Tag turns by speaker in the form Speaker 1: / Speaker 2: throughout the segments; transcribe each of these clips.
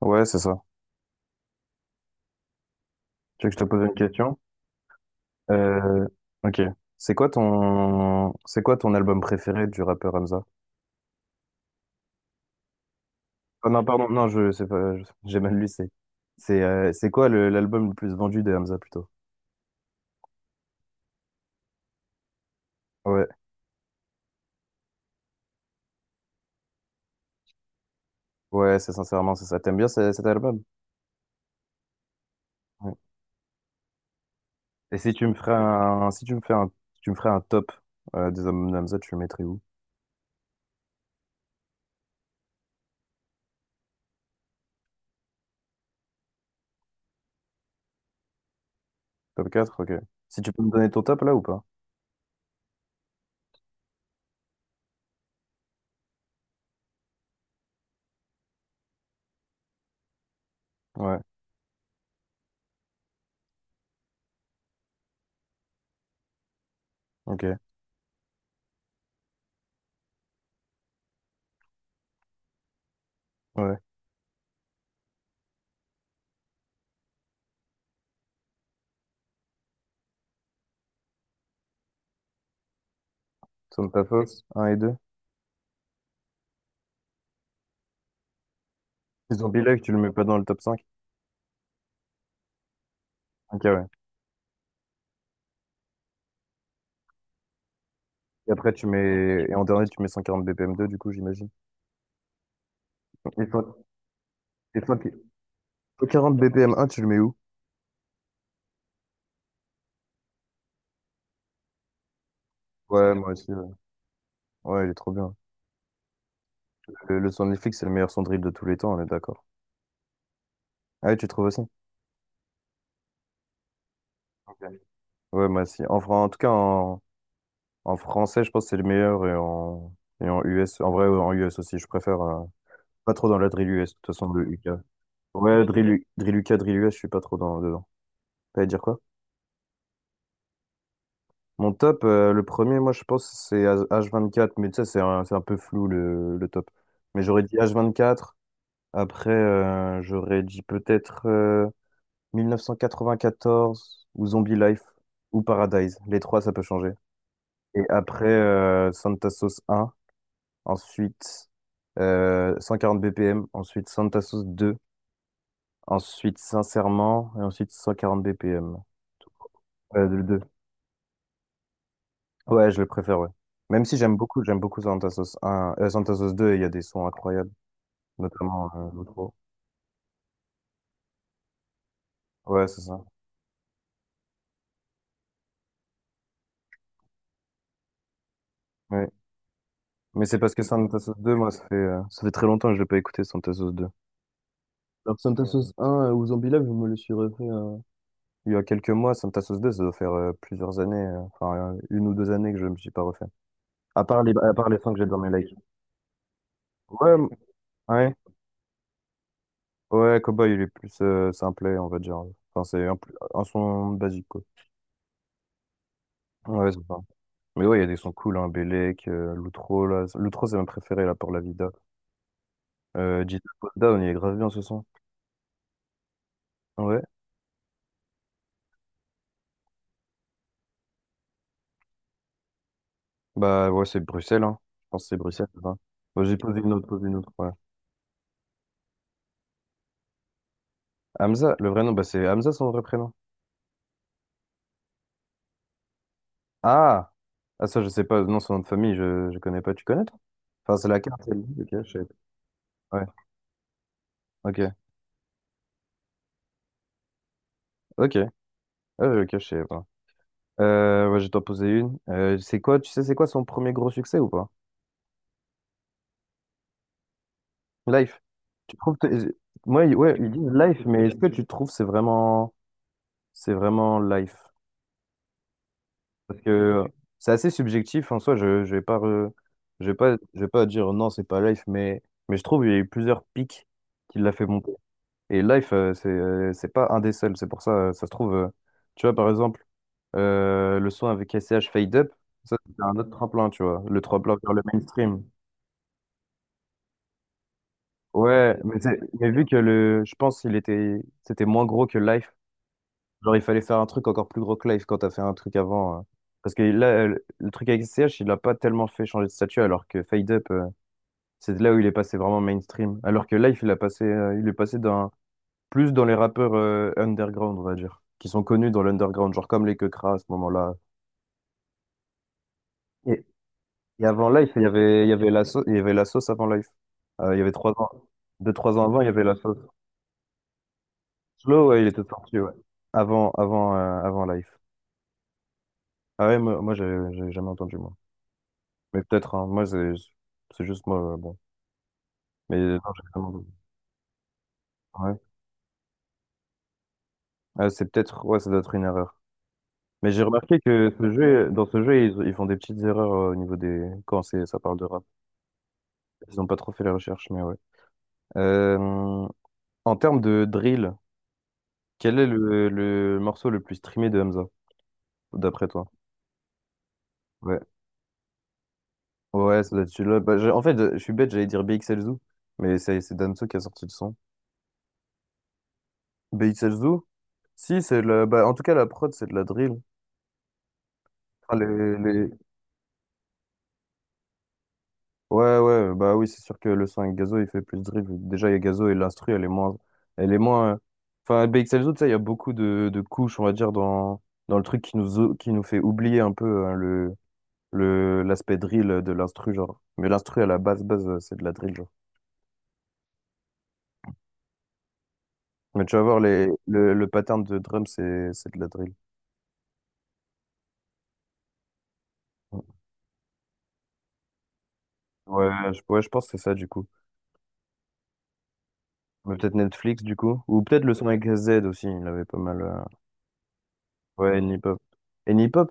Speaker 1: Ouais, c'est ça. Tu veux que je te pose une question? Euh, ok. C'est quoi ton album préféré du rappeur Hamza? Oh non, pardon, non, je sais pas, j'ai mal lu, c'est quoi l'album le plus vendu de Hamza plutôt? Ouais, ouais, c'est sincèrement, c'est ça. T'aimes bien cet album? Ouais. Et si tu me ferais un, si tu me fais un, si tu me ferais un top des albums de Hamza, tu le mettrais où? Top quatre. Ok. Si tu peux me donner ton top là ou pas? Ouais, ok, ouais. Somme ta fosse, 1 et 2. Zombie Life, tu le mets pas dans le top cinq? Ok, ouais. Et après, tu mets. Et en dernier, tu mets 140 BPM2, du coup, j'imagine. Et toi, et toi, qui- 140 BPM1, tu le mets où? Ouais, moi aussi. Ouais, ouais, il est trop bien. Le son de Netflix, c'est le meilleur son de drill de tous les temps, on est d'accord. Ah ouais, tu trouves aussi? Ok. Ouais, moi aussi. En, fran- en tout cas, en, en français, je pense que c'est le meilleur. Et en US, en vrai, en US aussi, je préfère. Pas trop dans la drill US, de toute façon, le UK. Ouais, drill UK, drill US, je suis pas trop dedans. T'allais dire quoi? Mon top, le premier, moi je pense que c'est H24, mais tu sais, c'est un peu flou le top. Mais j'aurais dit H24, après j'aurais dit peut-être 1994 ou Zombie Life ou Paradise. Les trois, ça peut changer. Et après Santa Sauce 1, ensuite 140 BPM, ensuite Santa Sauce 2, ensuite Sincèrement, et ensuite 140 BPM. Ouais, je le préfère, ouais. Même si j'aime beaucoup, j'aime beaucoup Santa Sauce un, Santa Sauce deux, il y a des sons incroyables, notamment l'outro. Ouais, c'est ça. Ouais. Mais c'est parce que Santa Sauce 2 moi, ça fait très longtemps que je l'ai pas écouté, Santa Sauce deux. Alors que Santa Sauce un, ou Zombie Live, je me le suis refait. Il y a quelques mois. Santa Sauce deux, ça doit faire plusieurs années, une ou deux années que je me suis pas refait. À part à part les sons que j'ai dans mes likes. Ouais, m- ouais, ouais, Cowboy, il est plus simple, on va dire. Enfin, plus un son basique, quoi. Ouais, c'est ça. Mais ouais, il y a des sons cool, hein, Bellec, Loutro, là. Loutro, c'est ma préférée, là, pour la vida. Gita Down, il est grave bien ce son. Ouais. Bah, ouais, c'est Bruxelles, hein. Je pense que c'est Bruxelles, c'est ça. Bah, j'ai posé une autre, ouais. Hamza, le vrai nom, bah, c'est Hamza, son vrai prénom. Ah! Ah, ça, je sais pas, non, son nom de famille, je connais pas. Tu connais, toi? Enfin, c'est la carte, elle dit, ok, je sais pas. Ouais, ok, ok. Ah, ok, je sais pas. Ouais, je vais t'en poser une. C'est quoi, tu sais, c'est quoi son premier gros succès ou pas? Life. Tu trouves que- ouais, ouais, ils disent life, mais est-ce que tu trouves que c'est vraiment life? Parce que c'est assez subjectif en soi, je vais pas dire non, c'est pas life, mais je trouve qu'il y a eu plusieurs pics qui l'a fait monter. Et life, c'est pas un des seuls, c'est pour ça, ça se trouve, tu vois par exemple le son avec S C H Fade Up, ça c'est un autre tremplin, tu vois, le tremplin vers le mainstream. Ouais, mais, mais vu que le, je pense qu'il était, c'était moins gros que Life. Genre, il fallait faire un truc encore plus gros que Life quand t'as fait un truc avant. Parce que là, le truc avec CH, il l'a pas tellement fait changer de statut, alors que Fade Up, c'est là où il est passé vraiment mainstream. Alors que Life, il est passé d'un, plus dans les rappeurs, underground, on va dire, qui sont connus dans l'underground, genre comme les Quecras à ce moment-là. Et, et avant Life, il y avait la sauce, il y avait la sauce avant Life. Il y avait trois ans, deux, trois ans avant, il y avait la sauce. Slow, ouais, il était sorti, ouais. Avant Life. Ah ouais, moi, j'ai jamais entendu, moi. Mais peut-être, hein, moi, c'est juste moi, bon. Mais non, j'ai vraiment- ouais. Ah, c'est peut-être, ouais, ça doit être une erreur. Mais j'ai remarqué que ce jeu, dans ce jeu, ils font des petites erreurs au niveau des. Quand c'est, ça parle de rap. Ils ont pas trop fait les recherches, mais ouais. Euh, en termes de drill, quel est le morceau le plus streamé de Hamza, d'après toi? Ouais. Ouais, ça doit être celui-là. En fait, je suis bête, j'allais dire BXLZoo, mais c'est Damso qui a sorti le son. BXLZoo? Si, c'est le, bah, en tout cas, la prod, c'est de la drill. Enfin, les, les, Ouais, ouais, bah oui, c'est sûr que le sang avec Gazo, il fait plus de dribble. Déjà, il y a Gazo et l'instru, elle est moins. Elle est moins. euh, Enfin, BXLZO, tu sais, il y a beaucoup de couches, on va dire, dans le truc qui nous, qui nous fait oublier un peu, hein, l'aspect drill de l'instru, genre. Mais l'instru, à la base, c'est de la drill, genre. Mais tu vas voir, le pattern de drum, c'est de la drill. Ouais, ouais, je pense que c'est ça, du coup. Mais peut-être Netflix, du coup. Ou peut-être le son avec Z aussi, il avait pas mal. Ouais, Nipop. Et hop.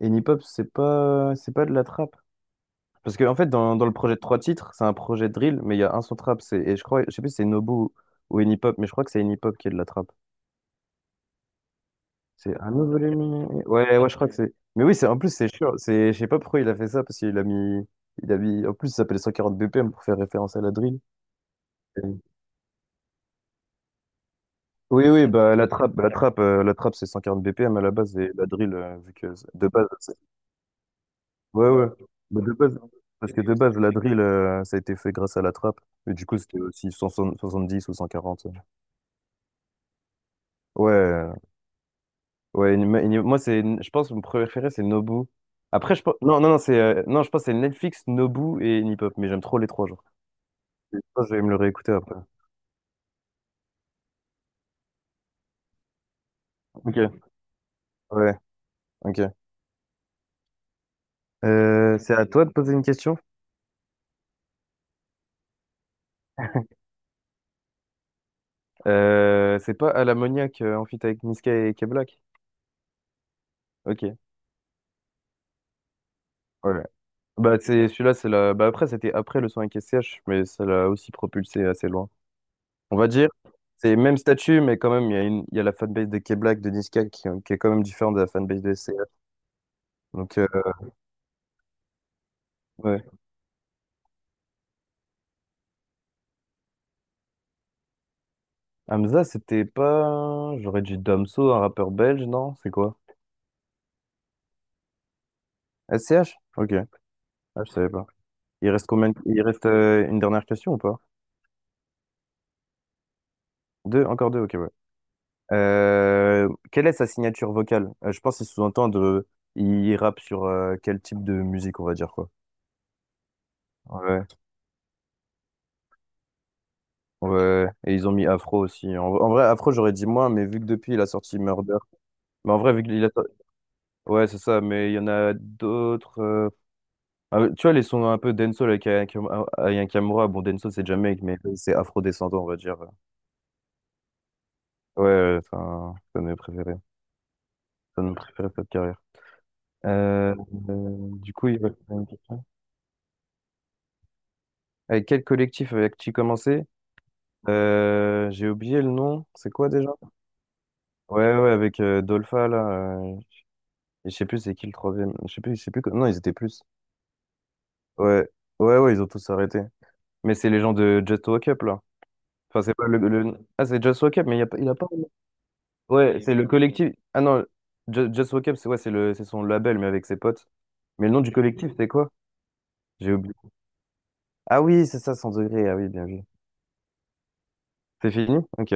Speaker 1: Et Nipop, c'est pas de la trappe. Parce que, en fait, dans le projet de trois titres, c'est un projet de drill, mais il y a un son trap. C'est, et je crois, je sais plus si c'est Nobu ou Enipop, mais je crois que c'est Enipop qui est de la trappe. C'est un nouveau volume. Ouais, ouais, je crois que c'est. Mais oui, c'est, en plus, c'est sûr. C'est, je sais pas pourquoi il a fait ça, parce qu'il a mis. Il a mis, en plus, ça s'appelle 140 BPM pour faire référence à la drill. Et- Oui, oui, bah, la trappe, c'est 140 BPM à la base, et la drill, vu que de base, ouais, ouais. Mais de base, parce que de base, la drill, ça a été fait grâce à la trappe. Mais du coup, c'était aussi 170 ou 140. Ouais, euh, ouais. Moi, je pense que mon préféré, c'est Nobu. Après, je pense, non, non, non, c'est, non, je pense que c'est Netflix, Nobu et Nipop. Mais j'aime trop les trois, genre. Je pense que je vais me le réécouter après. Ok. Ouais, ok. C'est à toi de poser une question. C'est pas à l'ammoniaque, en feat avec Niska et K-Black. Ok. Ouais. Bah, c'est celui-là, c'est la. Bah, après, c'était après le son avec SCH, mais ça l'a aussi propulsé assez loin. On va dire, c'est même statut, mais quand même, il y a une. Il y a la fanbase de K-Black, de Niska, qui, qui est quand même différente de la fanbase de SCH. Donc, euh, ouais. Hamza, c'était pas. J'aurais dit Damso, un rappeur belge, non? C'est quoi? SCH? Ok. Ah, je savais pas. Il reste combien. Il reste, une dernière question ou pas? Deux? Encore deux? Ok, ouais. Quelle est sa signature vocale? Je pense qu'il sous-entend de. Il rappe sur, quel type de musique, on va dire, quoi. Ouais. Ouais, et ils ont mis Afro aussi. En vrai, Afro, j'aurais dit moins, mais vu que depuis, il a sorti Murder. Mais en vrai, vu qu'il a. Ouais, c'est ça, mais il y en a d'autres. Ah, tu vois, les sons un peu dancehall avec Aya Kamura. Bon, dancehall, c'est Jamaïque, mais c'est afro-descendant, on va dire. Ouais, ouais, enfin, c'est un de mes préférés. C'est un de mes préférés de cette carrière. Euh, du coup, il va une question. Avec quel collectif avec-tu commencé? J'ai oublié le nom. C'est quoi déjà? Ouais, ouais, avec Dolpha, là. euh, Et je sais plus c'est qui le troisième. Je sais plus, je sais plus. Que- Non, ils étaient plus. Ouais, ouais, ils ont tous arrêté. Mais c'est les gens de Just Walk Up, là. Enfin, c'est pas Ah, c'est Just Walk Up, mais il a pas. Ouais, c'est le collectif. Ah non, Just Walk Up, c'est ouais, c'est c'est son label, mais avec ses potes. Mais le nom du collectif, c'est quoi? J'ai oublié. Ah oui, c'est ça, 100 degrés. Ah oui, bien vu. C'est fini? Ok.